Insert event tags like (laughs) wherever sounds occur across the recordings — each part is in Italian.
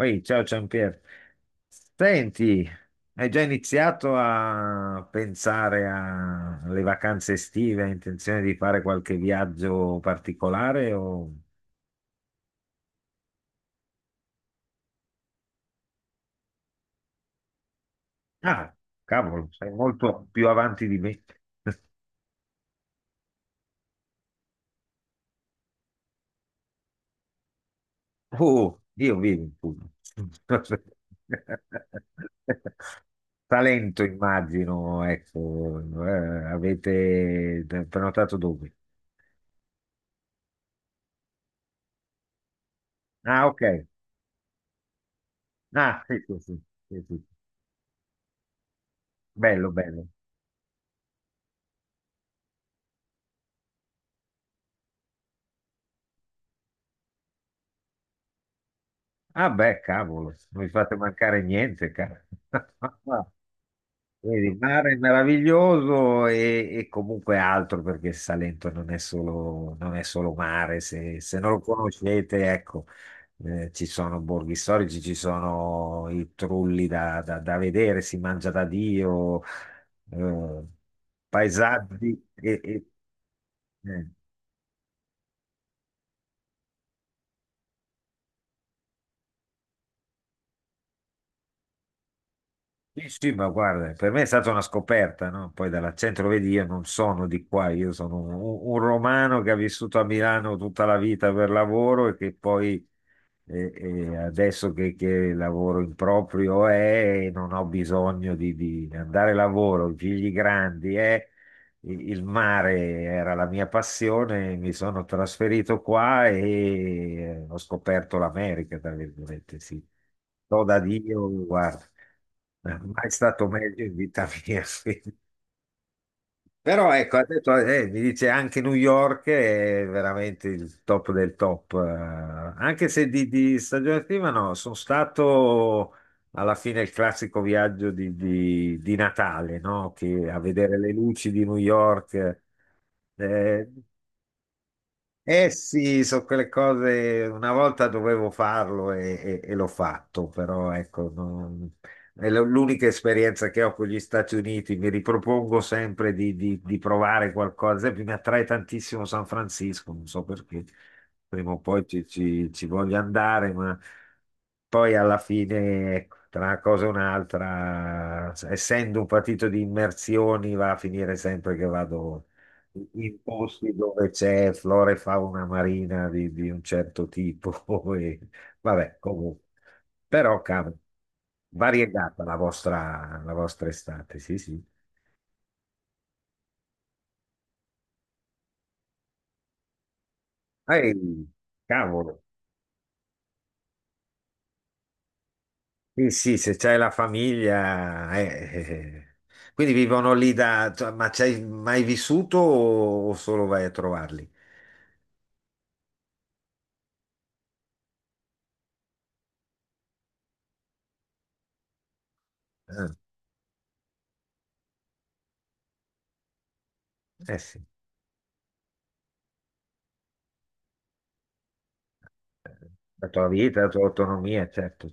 Oi, ciao Giampier. Senti, hai già iniziato a pensare alle vacanze estive? Hai intenzione di fare qualche viaggio particolare? Ah, cavolo, sei molto più avanti di me. Oh, io vivo in Puglia. (laughs) Talento, immagino, ecco. Avete prenotato dove? Ah, ok. Ah, sì, sì, sì, sì, sì. Bello, bello. Ah beh, cavolo, non mi fate mancare niente, cara. (laughs) Vedi, il mare è meraviglioso e comunque altro perché il Salento non è solo, non è solo mare, se non lo conoscete, ecco, ci sono borghi storici, ci sono i trulli da vedere, si mangia da Dio, eh, paesaggi e- eh. Sì, sì, ma guarda, per me è stata una scoperta, no? Poi dall'accento lo vedi, io non sono di qua, io sono un romano che ha vissuto a Milano tutta la vita per lavoro e adesso che lavoro in proprio non ho bisogno di andare a lavoro, i figli grandi è, il mare era la mia passione, mi sono trasferito qua e ho scoperto l'America, tra virgolette, sì. Do da Dio, guarda, (laughs) mai stato meglio in vita mia. (laughs) Però ecco, ha detto, mi dice anche New York è veramente il top del top, anche se di stagione attiva no, sono stato alla fine il classico viaggio di Natale, no? Che a vedere le luci di New York, eh, eh sì, sono quelle cose, una volta dovevo farlo e l'ho fatto, però ecco, è l'unica esperienza che ho con gli Stati Uniti, mi ripropongo sempre di provare qualcosa, ad esempio mi attrae tantissimo San Francisco, non so perché, prima o poi ci voglio andare, ma poi alla fine, ecco, tra una cosa e un'altra, essendo un partito di immersioni, va a finire sempre che vado in posti dove c'è flora e fauna marina di un certo tipo. (laughs) E, vabbè, comunque. Però, cavolo, variegata la vostra estate, sì, sì. Ehi, cavolo. Sì, sì, se c'è la famiglia... eh. Quindi vivono lì da... cioè, ma c'hai mai vissuto o solo vai a trovarli? Eh, eh sì, la tua vita, la tua autonomia, certo.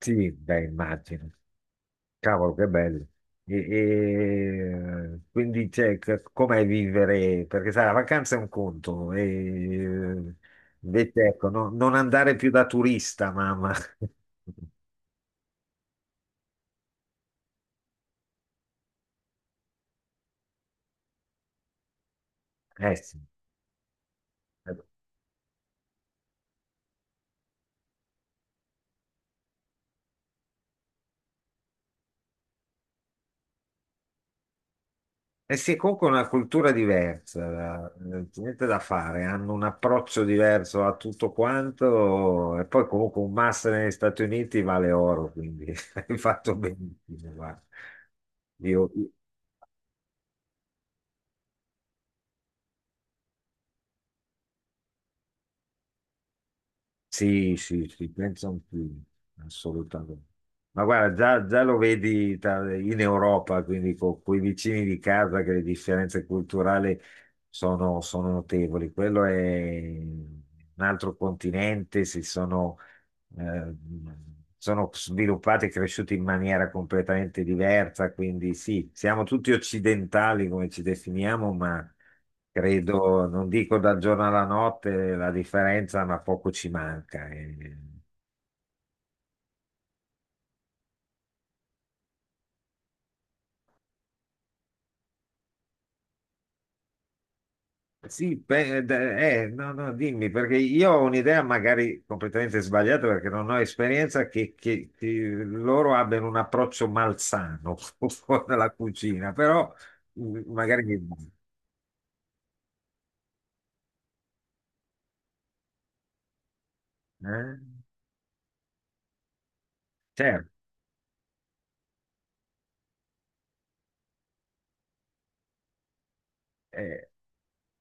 Sì, beh, immagino. Cavolo, che bello. E, quindi, cioè, com'è vivere? Perché sai, la vacanza è un conto, e, invece, ecco, non andare più da turista, mamma. (laughs) Eh sì, eh sì, comunque è una cultura diversa, niente da fare, hanno un approccio diverso a tutto quanto e poi comunque un master negli Stati Uniti vale oro, quindi (laughs) hai fatto benissimo, guarda. Io, sì, sì, sì, pensa un film, assolutamente. Ma guarda, già lo vedi in Europa, quindi con quei vicini di casa che le differenze culturali sono notevoli. Quello è un altro continente, si sono, eh, sono sviluppati e cresciuti in maniera completamente diversa, quindi sì, siamo tutti occidentali come ci definiamo, ma credo, non dico dal giorno alla notte la differenza, ma poco ci manca. Eh. Sì, beh, no, no, dimmi, perché io ho un'idea magari completamente sbagliata perché non ho esperienza che loro abbiano un approccio malsano (laughs) con la cucina, però magari mi sbaglio, eh? Certo, eh,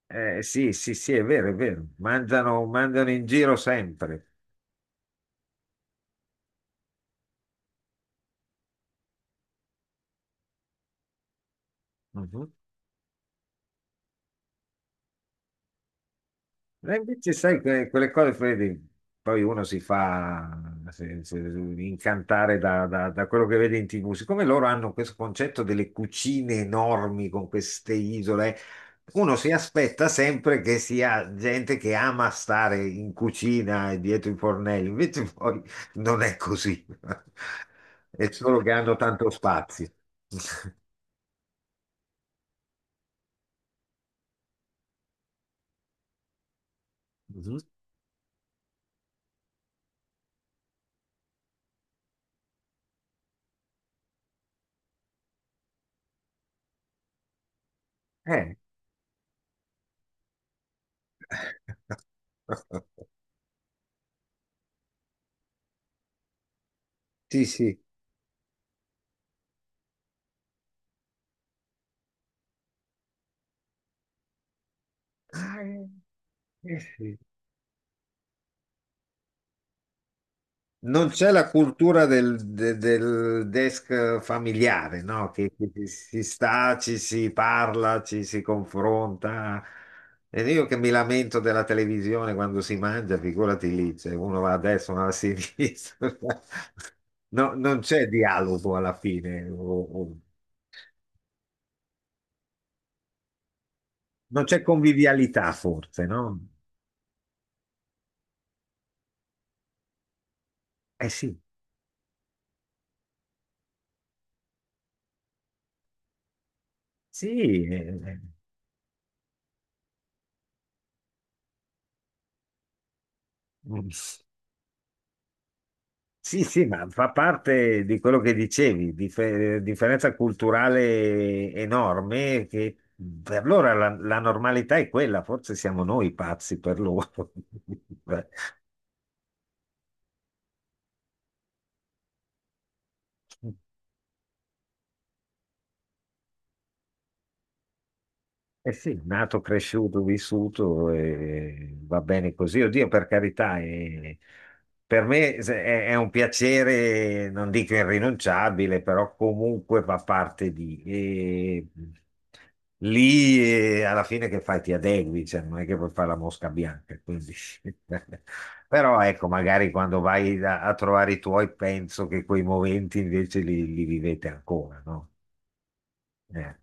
sì, sì, sì, è vero, mangiano, mangiano in giro sempre. Mhm. E invece, sai, quelle cose, Freddy, poi uno si fa incantare da quello che vede in TV. Siccome loro hanno questo concetto delle cucine enormi con queste isole, uno si aspetta sempre che sia gente che ama stare in cucina e dietro i fornelli, invece poi non è così. (laughs) È solo che hanno tanto spazio. Mhm. Eh. (laughs) Sì, sì. Ah, eh sì. Non c'è la cultura del desk familiare, no? Che ci si sta, ci si parla, ci si confronta. Ed io che mi lamento della televisione quando si mangia, figurati lì, cioè uno va a destra, uno va a sinistra. (laughs) No, non c'è dialogo alla fine, non c'è convivialità forse, no? Eh sì, sì. Eh, eh. Sì, sì, ma fa parte di quello che dicevi, differenza culturale enorme che per loro la normalità è quella, forse siamo noi pazzi per loro. (laughs) Eh sì, nato, cresciuto, vissuto, e va bene così. Oddio, per carità, per me è un piacere, non dico irrinunciabile, però comunque fa parte di... E lì alla fine che fai? Ti adegui, cioè, non è che puoi fare la mosca bianca. Quindi. (laughs) Però ecco, magari quando vai a, a trovare i tuoi, penso che quei momenti invece li vivete ancora, no? Eh.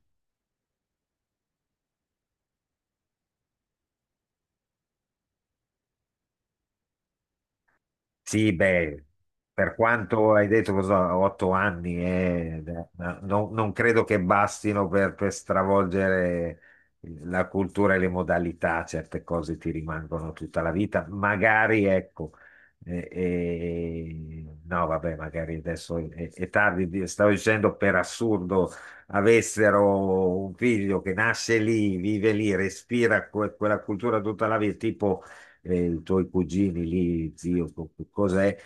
Sì, beh, per quanto hai detto, cosa, 8 anni, non credo che bastino per stravolgere la cultura e le modalità, certe cose ti rimangono tutta la vita. Magari, ecco, no, vabbè, magari adesso è tardi, stavo dicendo per assurdo avessero un figlio che nasce lì, vive lì, respira quella cultura tutta la vita, tipo i tuoi cugini lì, zio, cos'è?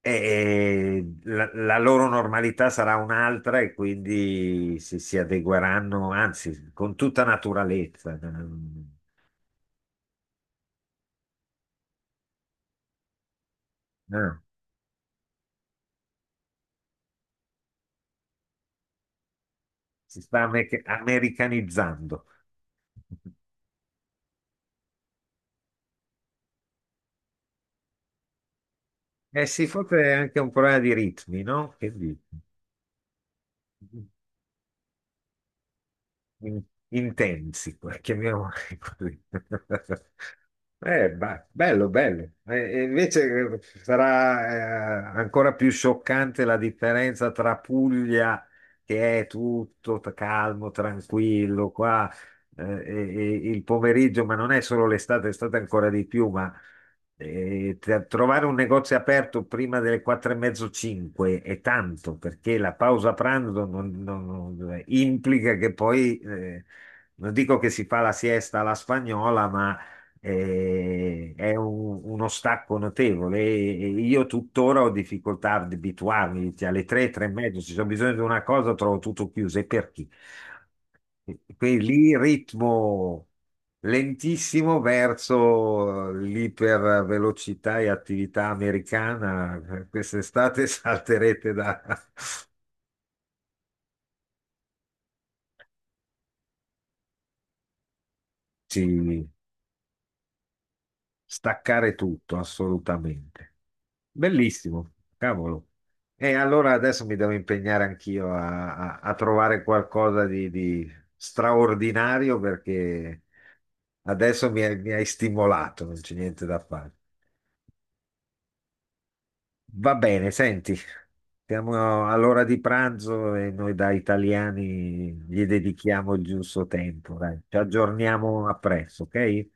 E la loro normalità sarà un'altra e quindi si adegueranno, anzi, con tutta naturalezza. Mm, no, si sta americanizzando. (laughs) Eh sì, forse è anche un problema di ritmi, no? Che dici? in- intensi, chiamiamoli così. (laughs) Bello, bello. E invece sarà ancora più scioccante la differenza tra Puglia, che è tutto calmo, tranquillo, qua e il pomeriggio, ma non è solo l'estate, l'estate è ancora di più, e trovare un negozio aperto prima delle quattro e mezzo, cinque è tanto perché la pausa pranzo implica che poi, non dico che si fa la siesta alla spagnola, ma è uno stacco notevole. E io tuttora ho difficoltà ad abituarmi, cioè alle tre, tre e mezzo, se c'è bisogno di una cosa trovo tutto chiuso. E per chi? Quindi lì ritmo lentissimo verso l'ipervelocità e attività americana. Quest'estate (laughs) salterete da sì, staccare tutto, assolutamente. Bellissimo, cavolo. E allora adesso mi devo impegnare anch'io a trovare qualcosa di straordinario perché adesso mi hai stimolato, non c'è niente da fare. Va bene, senti. Siamo all'ora di pranzo e noi da italiani gli dedichiamo il giusto tempo, dai. Ci aggiorniamo a presto, ok?